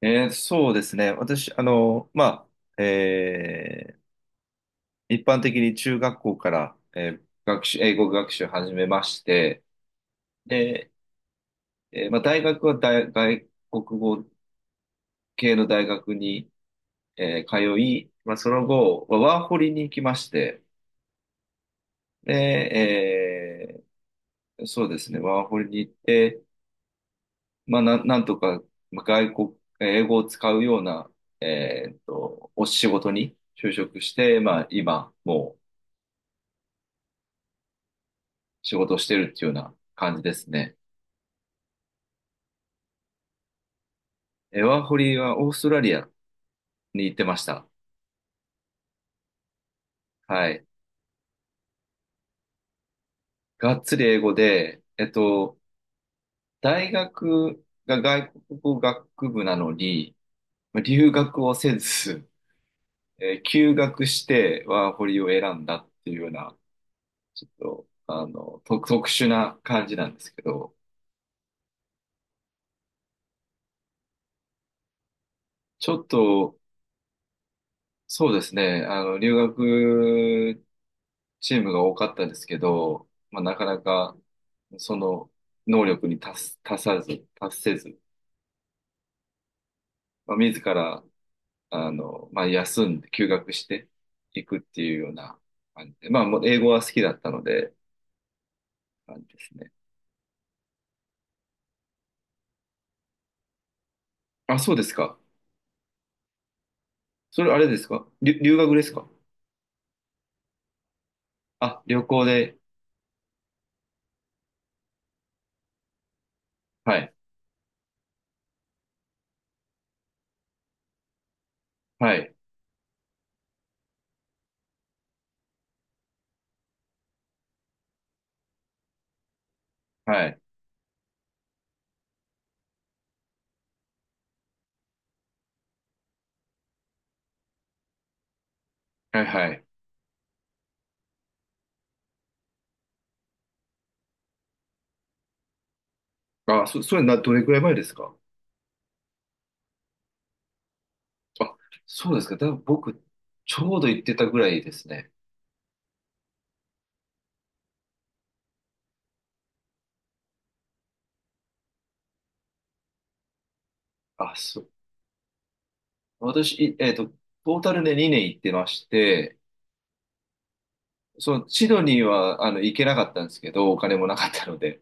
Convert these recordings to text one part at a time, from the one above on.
そうですね。私、あ、えー一般的に中学校から、英語学習を始めまして、で、まあ、大学は外国語系の大学に、通い、まあ、その後、まあワーホリに行きまして、で、そうですね、ワーホリに行って、まあ、なんとか、まあ英語を使うような、お仕事に就職して、まあ、今、もう、仕事をしてるっていうような感じですね。ワーホリはオーストラリアに行ってました。はい。がっつり英語で、大学が外国語学部なのに、まあ留学をせず、休学してワーホリを選んだっていうような、ちょっと、あの、特殊な感じなんですけど、ちょっと、そうですね、あの、留学チームが多かったですけど、まあ、なかなかその能力に達す、達さず、達せず、まあ、自ら、あの、まあ、休んで、休学していくっていうような感じで、まあ、もう英語は好きだったので、感じですね。あ、そうですか。それあれですか？留学ですか？あ、旅行で、はい、はい、はい、はい、はい。それな、どれくらい前ですか？あ、そうですか。僕、ちょうど行ってたぐらいですね。あ、そ、私、いえっと、トータルで2年行ってまして、そのシドニーはあの行けなかったんですけど、お金もなかったので。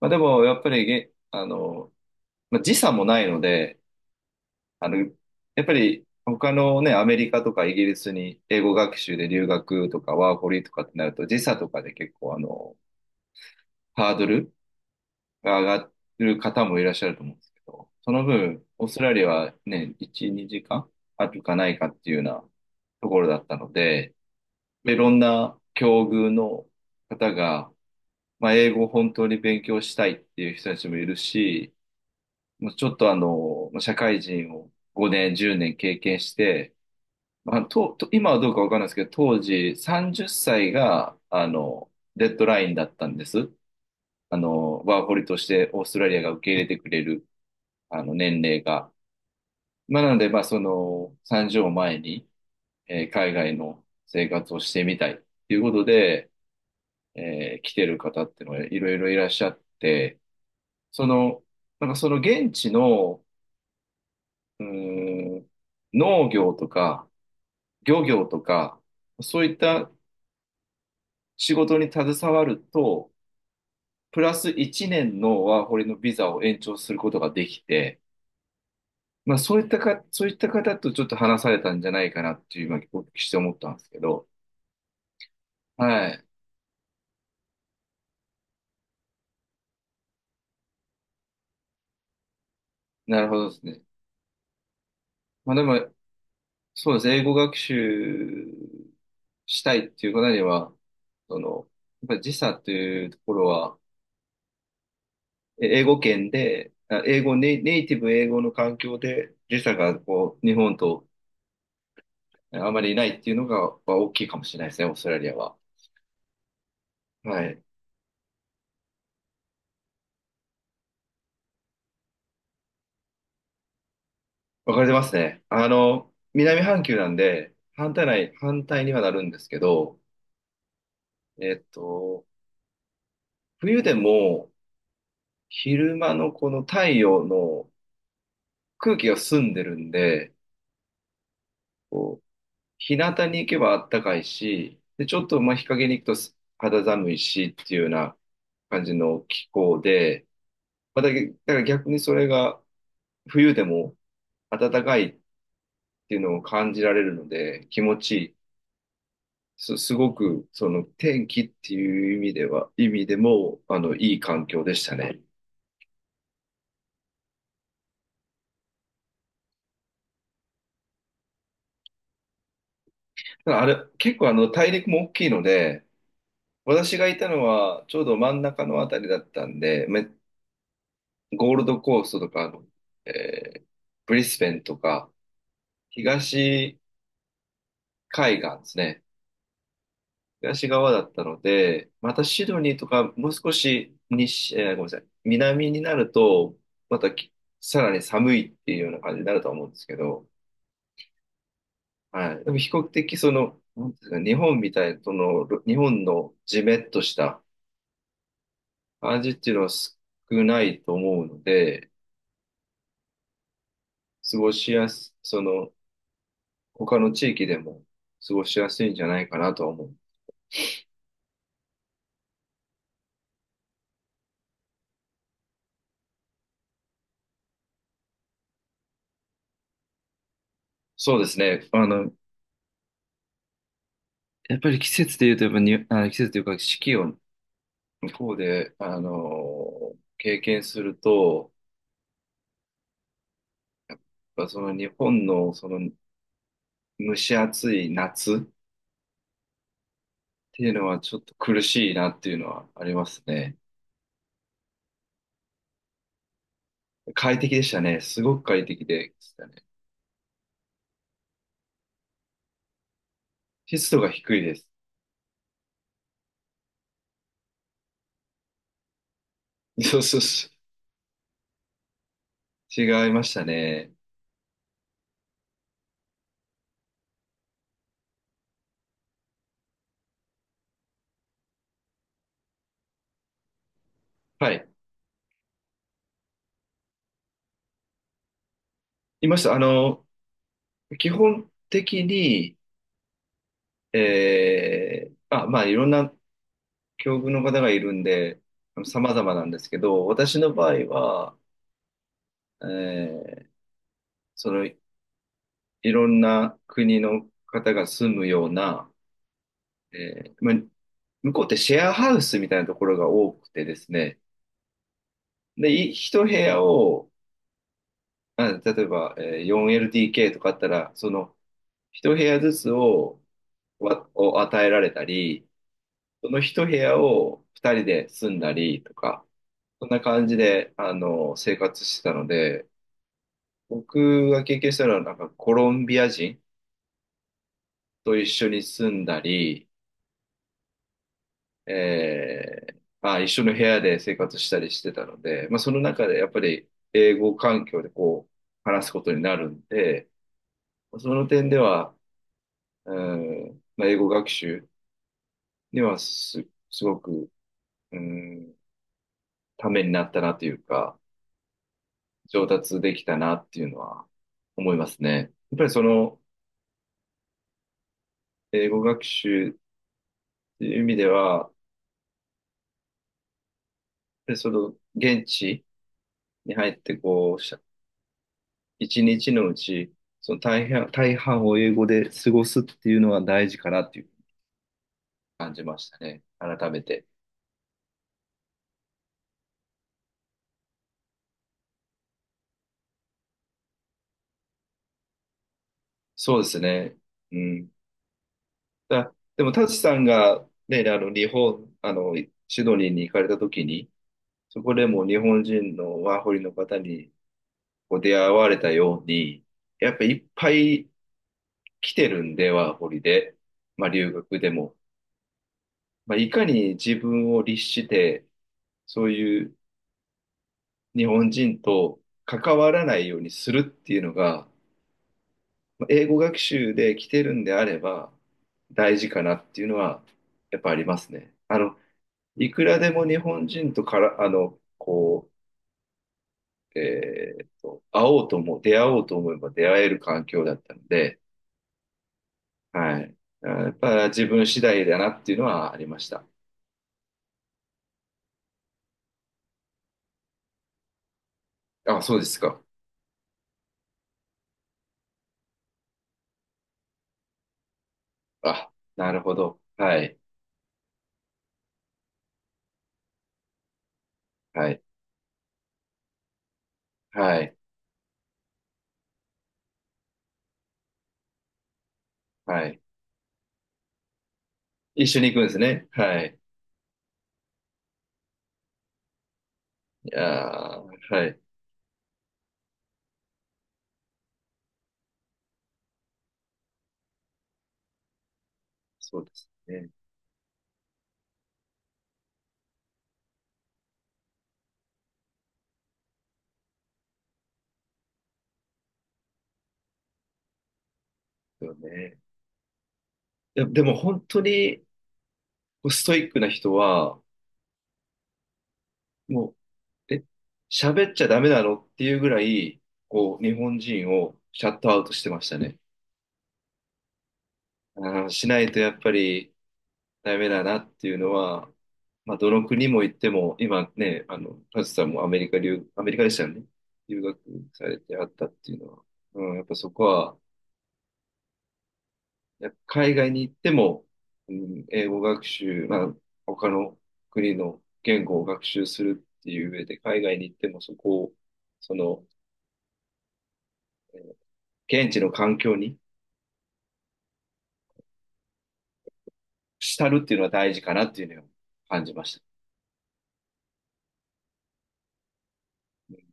まあ、でも、やっぱりげ、あの、まあ、時差もないので、あの、やっぱり他のね、アメリカとかイギリスに英語学習で留学とかワーホリとかってなると、時差とかで結構あの、ハードルが上がる方もいらっしゃると思うんですけど、その分、オーストラリアはね、1、2時間あるかないかっていうようなところだったので、まあいろんな境遇の方が、まあ、英語を本当に勉強したいっていう人たちもいるし、もうちょっとあの、まあ社会人を5年、10年経験して、まあ、と今はどうかわかんないですけど、当時30歳が、あの、デッドラインだったんです。あの、ワーホリとしてオーストラリアが受け入れてくれる、あの、年齢が。まあ、なので、まあ、その、30を前に、海外の生活をしてみたいっていうことで、来てる方ってのがいろいろいらっしゃって、その、なんかその現地の、うーん、農業とか漁業とか、そういった仕事に携わると、プラス1年のワーホリのビザを延長することができて、まあそういったか、そういった方とちょっと話されたんじゃないかなっていう今お聞きして思ったんですけど、はい。なるほどですね。まあでも、そうですね。英語学習したいっていう方には、その、やっぱり時差っていうところは、英語圏で、あ英語ネイ、ネイティブ英語の環境で時差がこう、日本とあまりないっていうのが、まあ大きいかもしれないですね、オーストラリアは。はい。わかれてますね。あの、南半球なんで、反対にはなるんですけど、えっと、冬でも昼間のこの太陽の空気が澄んでるんで、日向に行けばあったかいし、で、ちょっとまあ日陰に行くと肌寒いしっていうような感じの気候で、まあだから逆にそれが冬でも暖かいっていうのを感じられるので気持ちいい。すごくその天気っていう意味でもあのいい環境でしたね。ただあれ、結構あの大陸も大きいので、私がいたのはちょうど真ん中のあたりだったんで、ゴールドコーストとか、あのえーブリスベンとか、東海岸ですね。東側だったので、またシドニーとか、もう少し西、えーごめんなさい、南になると、またさらに寒いっていうような感じになるとは思うんですけど、はい。でも比較的、その、なんていうんですか、日本みたいな、その、日本のジメッとした感じっていうのは少ないと思うので、過ごしやす、その、他の地域でも過ごしやすいんじゃないかなとは思う。そうですね。あの、やっぱり季節で言うと、やっぱに、あ季節というか四季を向こうで、あの、経験すると、やっぱその日本のその蒸し暑い夏っていうのはちょっと苦しいなっていうのはありますね。快適でしたね。すごく快適でしたね。湿度が低いです。そうそうそう。違いましたね。はい。いました。あの、基本的に、まあ、まあ、いろんな境遇の方がいるんで、様々なんですけど、私の場合は、えーその、いろんな国の方が住むような、まあ、向こうってシェアハウスみたいなところが多くてですね、で、一部屋を、例えば、4LDK とかあったら、その、一部屋ずつを、与えられたり、その一部屋を二人で住んだりとか、そんな感じで、あの、生活してたので、僕が経験したのは、なんかコロンビア人と一緒に住んだり、えまあ、一緒の部屋で生活したりしてたので、まあ、その中でやっぱり英語環境でこう、話すことになるんで、その点では、うん、まあ、英語学習にはすごく、うん、ためになったなというか、上達できたなっていうのは思いますね。やっぱりその、英語学習っていう意味では、で、その、現地に入って、こう、一日のうち、その大半を英語で過ごすっていうのは大事かなっていう感じましたね。改めて。そうですね。うん。でも、タチさんが、ね、あの、あの、シドニーに行かれた時に、そこでも日本人のワーホリの方にこう出会われたように、やっぱいっぱい来てるんで、ワーホリで。まあ、留学でも。まあ、いかに自分を律して、そういう日本人と関わらないようにするっていうのが、まあ英語学習で来てるんであれば大事かなっていうのは、やっぱありますね。あの、いくらでも日本人とから、あの、こう、会おうとも、出会おうと思えば出会える環境だったので、はい。やっぱ自分次第だなっていうのはありました。あ、そうですか。あ、なるほど。はい。はい。はい。はい。一緒に行くんですね。はい。いやー、はい。そうですね。そうよね。でも本当にこうストイックな人は、もう、喋っちゃダメなのっていうぐらい、こう、日本人をシャットアウトしてましたね。あー、しないとやっぱりダメだなっていうのは、まあ、どの国も行っても、今ね、あの、カズさんもアメリカでしたよね。留学されてあったっていうのは、うん、やっぱそこは、海外に行っても、うん、英語学習、まあ、他の国の言語を学習するっていう上で、海外に行ってもそこを、その、現地の環境に浸るっていうのは大事かなっていうのを感じました。